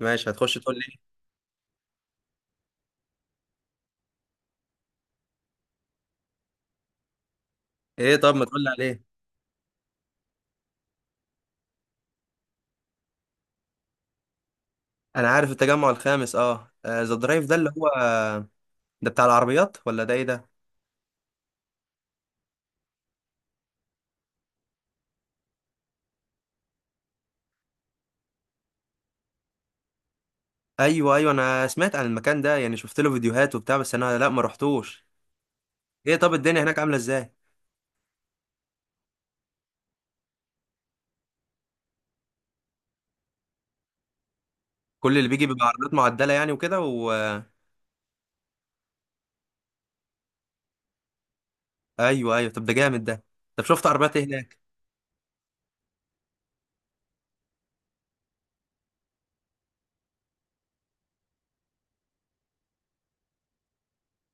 ماشي، هتخش تقول لي ايه؟ طب ما تقول لي عليه. انا عارف التجمع الخامس، اه ذا درايف ده اللي هو ده بتاع العربيات ولا ده ايه ده؟ ايوه ايوه، انا سمعت عن المكان ده، يعني شفت له فيديوهات وبتاع، بس انا لا ما رحتوش. ايه طب الدنيا هناك عامله ازاي؟ كل اللي بيجي بيبقى عربيات معدله يعني وكده و ايوه ايوه طب ده جامد ده. طب شفت عربيات ايه هناك؟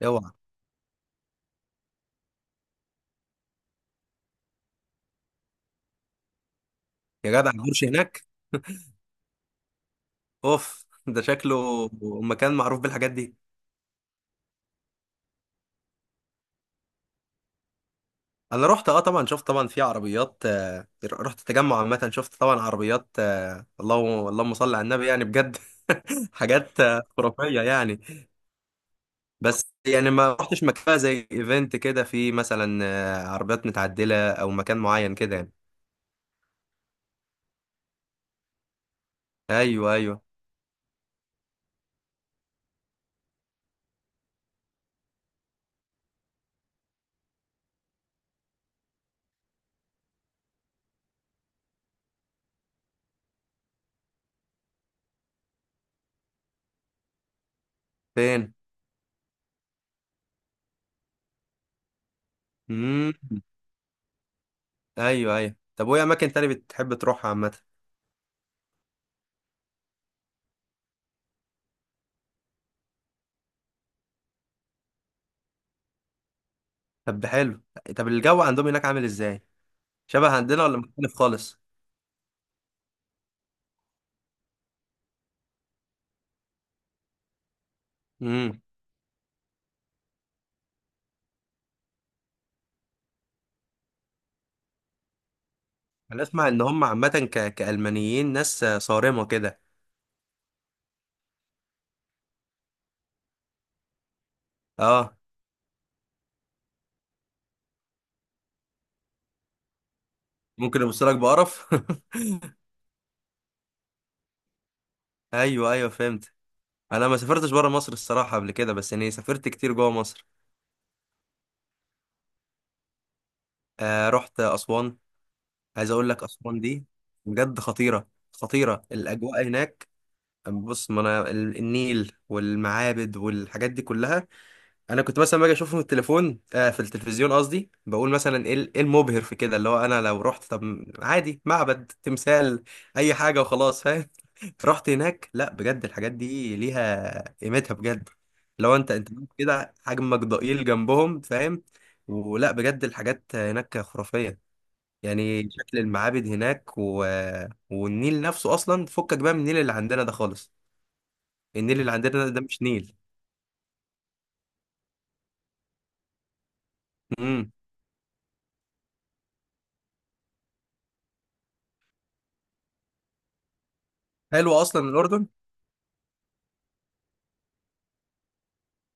اوعى! يا جدع البورش هناك! اوف ده شكله مكان معروف بالحاجات دي. انا رحت، اه طبعا شفت طبعا في عربيات، رحت تجمع عامه شفت طبعا عربيات، اللهم اللهم صل على النبي يعني بجد. حاجات خرافيه يعني. بس يعني ما رحتش مكان بقى زي ايفنت كده في مثلا، عربيات متعدله او مكان معين كده يعني. ايوه ايوه. فين؟ امم. ايوه ايوه، طب وايه اماكن تاني بتحب تروحها عامه؟ طب حلو. طب الجو عندهم هناك عامل ازاي؟ شبه عندنا ولا مختلف خالص؟ انا اسمع ان هم عامه كالمانيين ناس صارمه كده. اه ممكن يبصوا لك بقرف. ايوه ايوه فهمت. انا ما سافرتش بره مصر الصراحه قبل كده، بس يعني سافرت كتير جوه مصر. آه رحت اسوان. عايز اقول لك اسوان دي بجد خطيره، خطيره الاجواء هناك. بص، ما انا النيل والمعابد والحاجات دي كلها، انا كنت مثلا باجي اشوفه في التليفون، آه في التلفزيون قصدي، بقول مثلا ايه إيه المبهر في كده، اللي هو انا لو رحت طب عادي، معبد، تمثال، اي حاجه وخلاص، فاهم. رحت هناك، لا بجد الحاجات دي ليها قيمتها بجد. لو انت كده حجمك ضئيل جنبهم فاهم، ولا بجد الحاجات هناك خرافيه، يعني شكل المعابد هناك و... والنيل نفسه، اصلا فكك بقى من النيل اللي عندنا ده خالص. النيل اللي عندنا ده مش نيل. امم. حلو اصلا الاردن.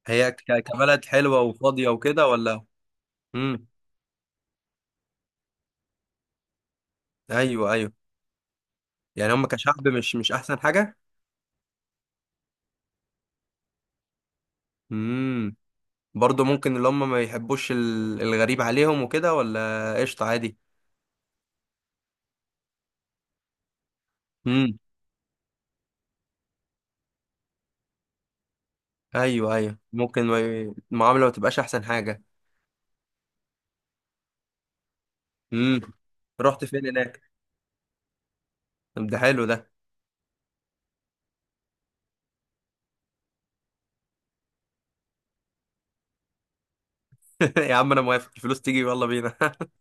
هي كبلد حلوة وفاضية وكده ولا؟ امم، ايوه ايوه، يعني هم كشعب مش مش احسن حاجة. امم. برضه ممكن اللي هم ما يحبوش الغريب عليهم وكده، ولا قشطة عادي؟ امم، ايوه ايوه، ممكن ما ي- المعاملة ما تبقاش احسن حاجة. امم. رحت فين هناك؟ طب ده حلو ده. يا عم انا موافق، الفلوس تيجي يلا بينا.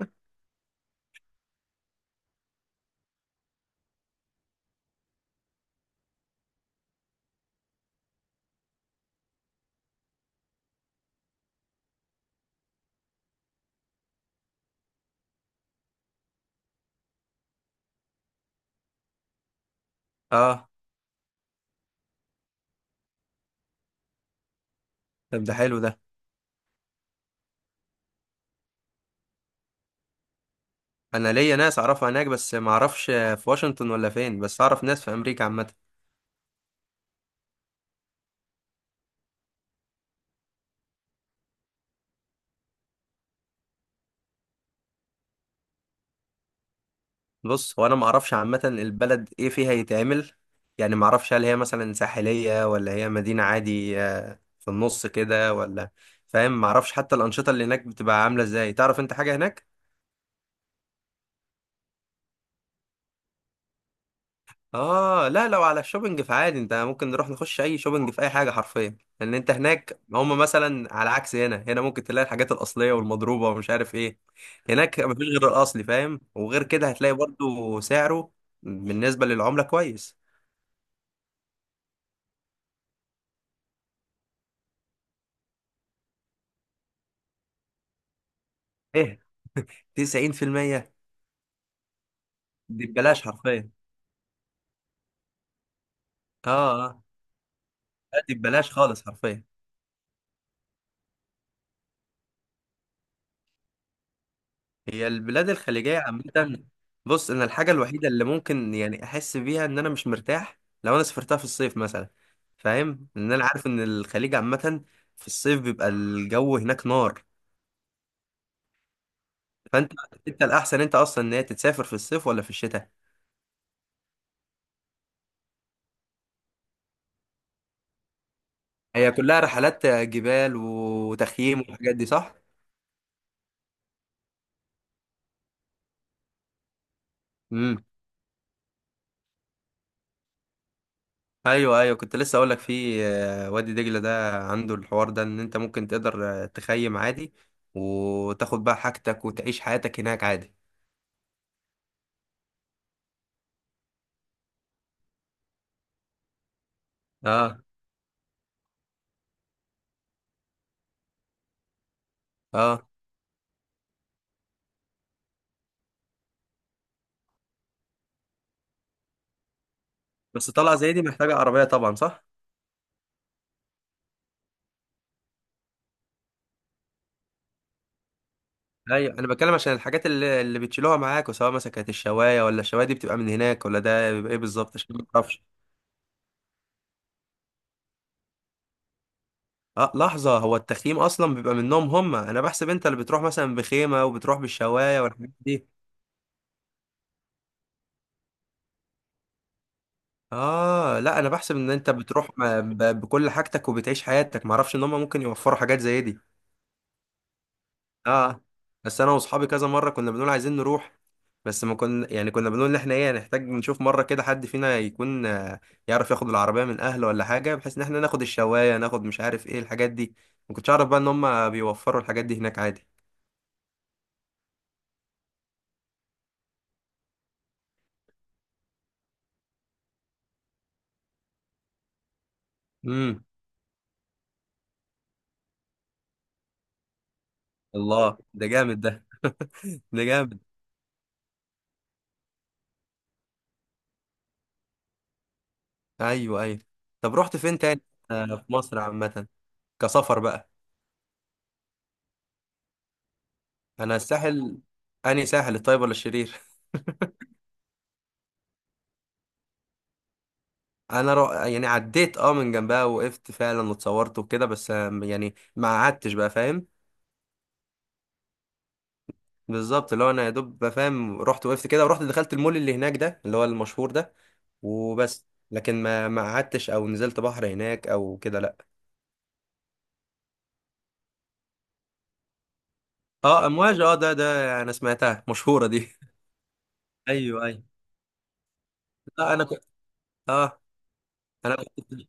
اه طب ده حلو ده. انا ليا ناس اعرفها هناك، بس ما اعرفش في واشنطن ولا فين، بس اعرف ناس في امريكا عامة. بص، هو انا ما اعرفش عامه البلد ايه فيها يتعمل، يعني ما اعرفش هل هي مثلا ساحليه ولا هي مدينه عادي، في النص كده ولا، فاهم؟ ما اعرفش حتى الانشطه اللي هناك بتبقى عامله ازاي، تعرف انت حاجه هناك؟ اه لا، لو على الشوبينج فعادي، انت ممكن نروح نخش اي شوبينج في اي حاجه حرفيا، لان انت هناك هم مثلا على عكس هنا، هنا ممكن تلاقي الحاجات الاصليه والمضروبه ومش عارف ايه. هناك مفيش غير الاصلي فاهم، وغير كده هتلاقي برضو سعره بالنسبه للعمله كويس. ايه، 90%؟ دي ببلاش حرفيا. اه اه لا، دي ببلاش خالص حرفيا. هي البلاد الخليجية عامة، بص انا الحاجة الوحيدة اللي ممكن يعني احس بيها ان انا مش مرتاح لو انا سافرتها في الصيف مثلا، فاهم؟ ان انا عارف ان الخليج عامة في الصيف بيبقى الجو هناك نار. فانت، انت الاحسن، انت اصلا ان هي تتسافر في الصيف ولا في الشتاء؟ هي كلها رحلات جبال وتخييم والحاجات دي صح؟ ايوه ايوه، كنت لسه اقول لك في، وادي دجله ده عنده الحوار ده ان انت ممكن تقدر تخيم عادي، وتاخد بقى حاجتك وتعيش حياتك هناك عادي. اه. اه بس طلعه زي دي محتاجه عربيه طبعا صح؟ ايوه، انا بتكلم عشان الحاجات اللي بتشيلوها معاك، وسواء مثلا كانت الشوايه، ولا الشوايه دي بتبقى من هناك، ولا ده بيبقى ايه بالظبط، عشان ما اعرفش. اه لحظه، هو التخييم اصلا بيبقى منهم هم؟ انا بحسب انت اللي بتروح مثلا بخيمه وبتروح بالشوايه والحاجات دي. اه لا، انا بحسب ان انت بتروح بكل حاجتك وبتعيش حياتك، ما اعرفش ان هم ممكن يوفروا حاجات زي دي. اه. بس انا واصحابي كذا مره كنا بنقول عايزين نروح، بس ما كنا، يعني كنا بنقول ان احنا ايه، نحتاج نشوف مره كده حد فينا يكون يعرف ياخد العربيه من اهله ولا حاجه، بحيث ان احنا ناخد الشوايه، ناخد مش عارف ايه الحاجات دي. ما كنتش اعرف بقى ان هم بيوفروا الحاجات دي هناك عادي. امم. الله ده جامد ده. ده جامد. ايوه ايوه. طب رحت فين تاني، في مصر عامه، كسفر بقى؟ انا الساحل، اني ساحل، الطيب ولا الشرير؟ انا يعني عديت اه من جنبها، وقفت فعلا واتصورت وكده، بس يعني ما قعدتش بقى فاهم. بالظبط، اللي هو انا يا دوب بقى فاهم، رحت وقفت كده، ورحت دخلت المول اللي هناك ده اللي هو المشهور ده، وبس. لكن ما قعدتش او نزلت بحر هناك او كده لا. اه امواج، اه ده انا سمعتها مشهورة دي. ايوه ايوه. لا انا كنت، اه انا كنت،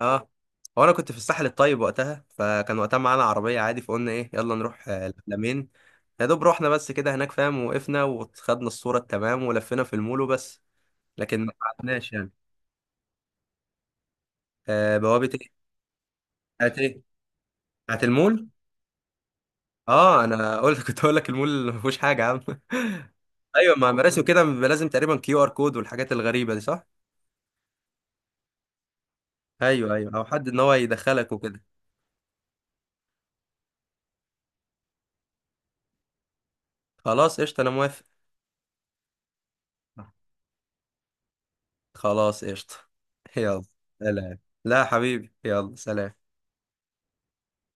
اه هو انا كنت في الساحل الطيب وقتها، فكان وقتها معانا عربيه عادي، فقلنا ايه يلا نروح العلمين. يا دوب رحنا بس كده هناك فاهم، وقفنا وخدنا الصوره التمام ولفينا في المول وبس. لكن ما قعدناش يعني. آه بوابه ايه؟ بتاعت ايه، بتاعت المول؟ اه انا قلت كنت اقول لك المول ما فيهوش حاجه يا عم. ايوه مع مراسي وكده بيبقى لازم تقريبا كيو ار كود والحاجات الغريبه دي صح؟ ايوه ايوه، او حد ان هو يدخلك وكده. خلاص قشطه، انا موافق. خلاص قشطه. يلا سلام. لا يا حبيبي يلا سلام.